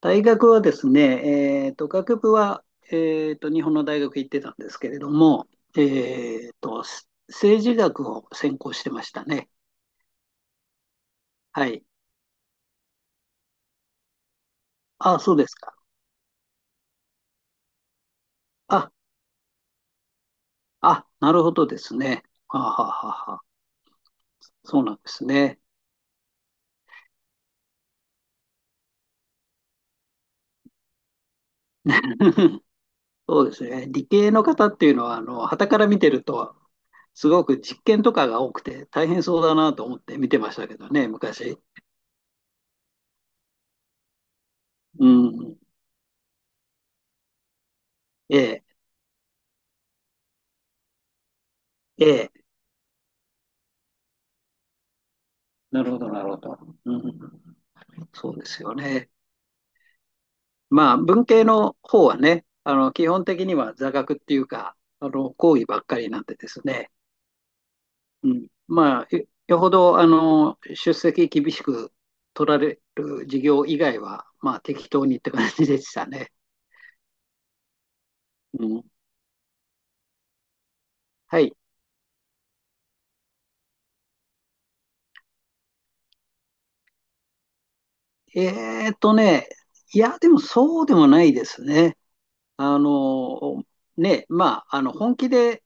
大学はですね、学部は、日本の大学行ってたんですけれども、えーと、政治学を専攻してましたね。はい。あ、そうですか。あ、あ、なるほどですね。はあ、はあはあはあ、そうなんですね。そうですね。理系の方っていうのは、傍から見てると、すごく実験とかが多くて大変そうだなと思って見てましたけどね、昔。うん。ええ、ええ。なるほど、なるほど。うん。そうですよね。まあ、文系の方はね、基本的には座学っていうか、講義ばっかりなんでですね、うん。まあ、よほど、出席厳しく取られる授業以外は、まあ、適当にって感じでしたね。うん。はい。えーっとね、いや、でもそうでもないですね。あの、ね、まあ、本気で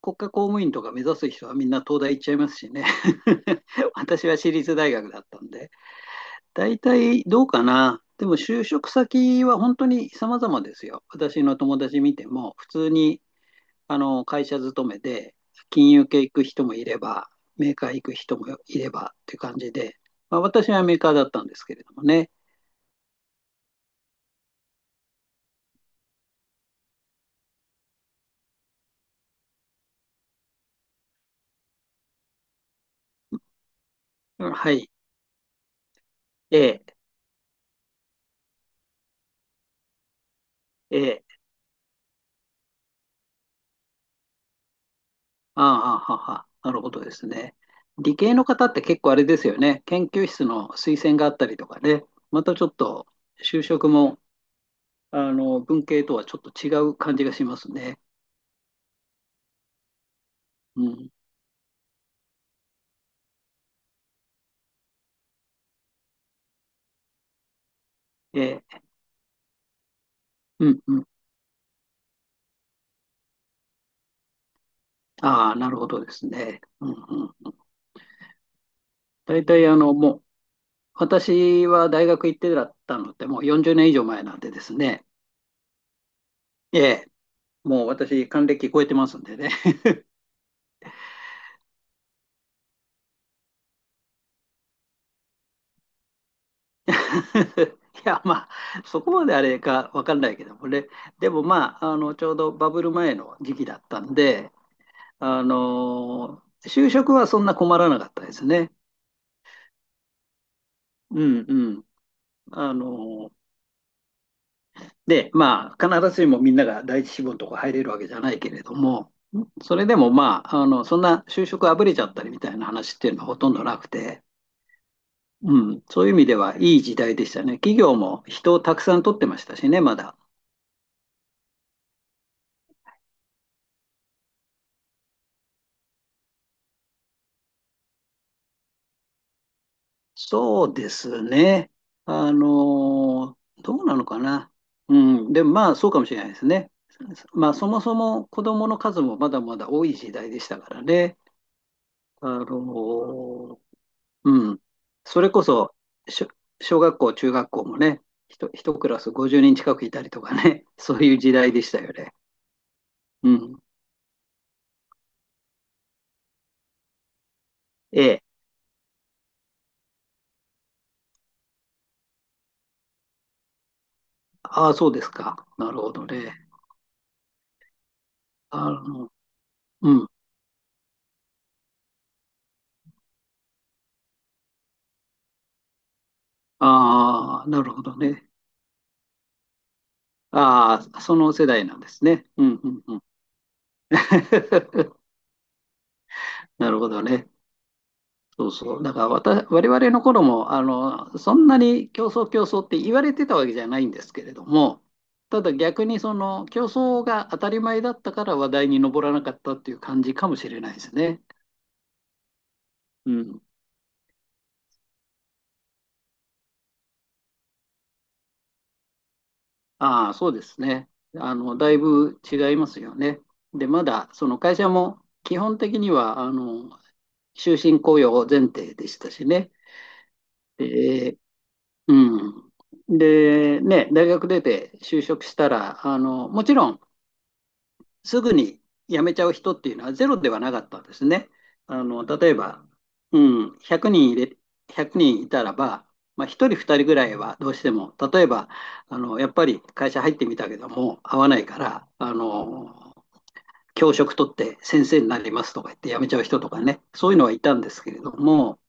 国家公務員とか目指す人はみんな東大行っちゃいますしね。私は私立大学だったんで。大体どうかな。でも就職先は本当に様々ですよ。私の友達見ても、普通に会社勤めで、金融系行く人もいれば、メーカー行く人もいればっていう感じで、まあ、私はメーカーだったんですけれどもね。はい。ええ、ええ、ああ、はあはあ、なるほどですね。理系の方って結構あれですよね。研究室の推薦があったりとかね。またちょっと就職も、文系とはちょっと違う感じがしますね。うん。で、うんうん。ああ、なるほどですね。うんうん。大体、私は大学行ってだったのって、もう40年以上前なんでですね。ええ、もう私、還暦超えてますんでね。いや、まあ、そこまであれかわかんないけどもね。でも、まあ、ちょうどバブル前の時期だったんで、就職はそんな困らなかったですね。うんうん。あので、まあ、必ずしもみんなが第一志望のとこ入れるわけじゃないけれども、それでもまあ、そんな就職あぶれちゃったりみたいな話っていうのはほとんどなくて、うん、そういう意味ではいい時代でしたね。企業も人をたくさん取ってましたしね、まだ。そうですね。あの、どうなのかな。うん、でもまあ、そうかもしれないですね。まあ、そもそも子供の数もまだまだ多い時代でしたからね。あの、うん。それこそ、しょ小学校、中学校もね、一クラス50人近くいたりとかね、そういう時代でしたよね。うん。ええ。ああ、そうですか。なるほどね。あの、うん。ああ、なるほどね。ああ、その世代なんですね。うん、うん、うん。なるほどね。そうそう。だから我々の頃も、そんなに競争競争って言われてたわけじゃないんですけれども、ただ逆にその競争が当たり前だったから話題に上らなかったっていう感じかもしれないですね。うん。ああ、そうですね。だいぶ違いますよね。で、まだその会社も基本的には、終身雇用前提でしたしね。で、うん。で、ね、大学出て就職したら、もちろん、すぐに辞めちゃう人っていうのはゼロではなかったんですね。例えば、うん、100人100人いたらば、まあ、1人2人ぐらいはどうしても、例えば、やっぱり会社入ってみたけども、合わないから、教職取って先生になりますとか言って辞めちゃう人とかね、そういうのはいたんですけれども、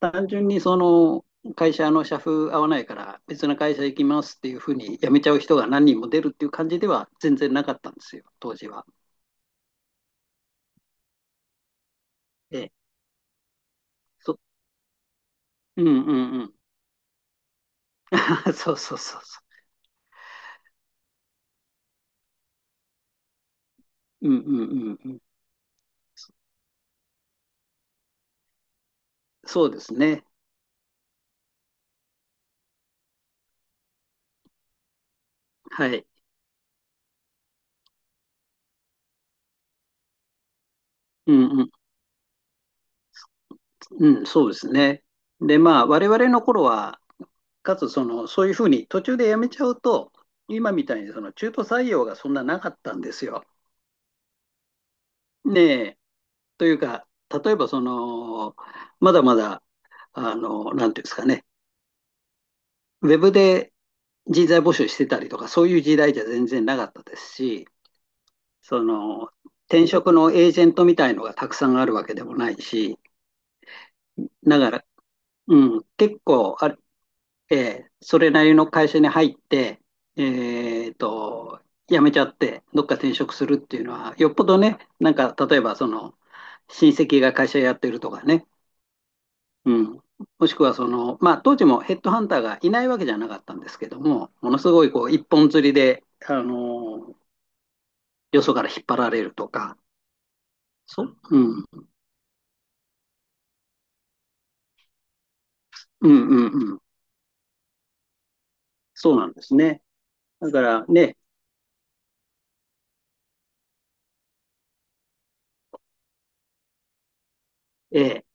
単純にその、会社の社風合わないから別の会社行きますっていうふうに辞めちゃう人が何人も出るっていう感じでは全然なかったんですよ、当時は。えそ、うんうんうん。あ、そうそうそうそう。うんうんうんうん。そうですね。はい。うんうん。うん、そうですね。で、まあ、我々の頃は、かつその、そういうふうに途中でやめちゃうと、今みたいにその中途採用がそんななかったんですよ。ねえ。というか、例えばその、まだまだ、なんていうんですかね、ウェブで人材募集してたりとか、そういう時代じゃ全然なかったですし、その、転職のエージェントみたいのがたくさんあるわけでもないし、だから、うん、結構それなりの会社に入って、えーと、辞めちゃって、どっか転職するっていうのは、よっぽどね、なんか、例えば、その、親戚が会社やってるとかね、うん、もしくは、その、まあ、当時もヘッドハンターがいないわけじゃなかったんですけども、ものすごい、こう、一本釣りで、ーよそから引っ張られるとか、うん、うん、うん、うん。そうなんですね。だからね、ええ、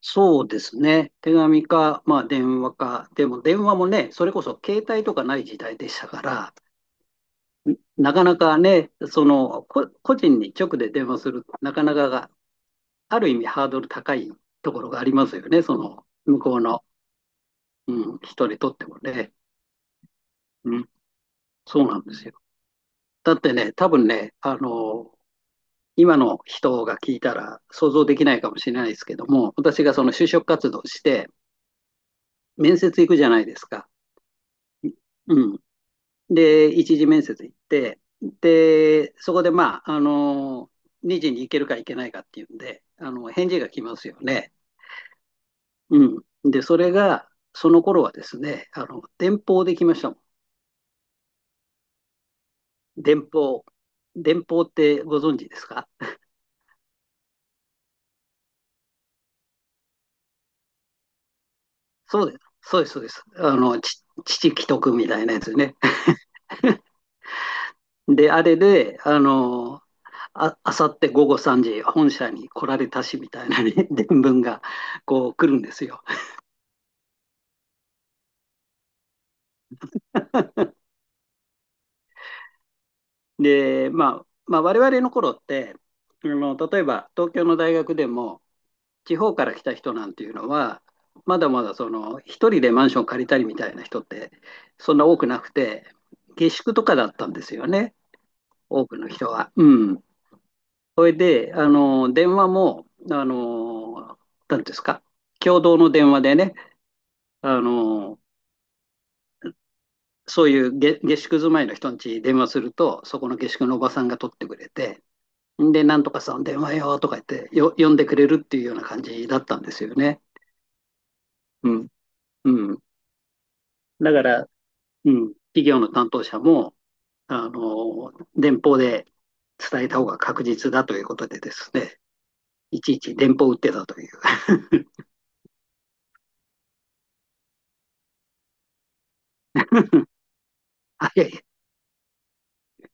そうですね。手紙か、まあ電話か。でも電話もね、それこそ携帯とかない時代でしたから、んなかなかね、その、個人に直で電話する、なかなかが、ある意味ハードル高いところがありますよね。その、向こうの、うん、人にとってもね。うん、そうなんですよ。だってね、多分ね、今の人が聞いたら想像できないかもしれないですけども、私がその就職活動して、面接行くじゃないですか。うん。で、一次面接行って、で、そこでまあ、2次に行けるか行けないかっていうんで、返事が来ますよね。うん。で、それが、その頃はですね、電報で来ましたもん。電報。電報ってご存知ですか？そうです。そうです、そうです。父既得みたいなやつね。で、あれで、あさって午後3時、本社に来られたしみたいなね 伝聞がこう来るんですよ。で、まあ、我々の頃って、例えば東京の大学でも、地方から来た人なんていうのは、まだまだその一人でマンション借りたりみたいな人ってそんな多くなくて、下宿とかだったんですよね、多くの人は。うん。それで、電話も、なんていうんですか、共同の電話でね、あの、そういう下宿住まいの人ん家に電話すると、そこの下宿のおばさんが取ってくれて、で、なんとかさん電話よとか言ってよ、呼んでくれるっていうような感じだったんですよね。うん。うん。だから、うん、企業の担当者も、電報で伝えた方が確実だということでですね、いちいち電報を打ってたという。はい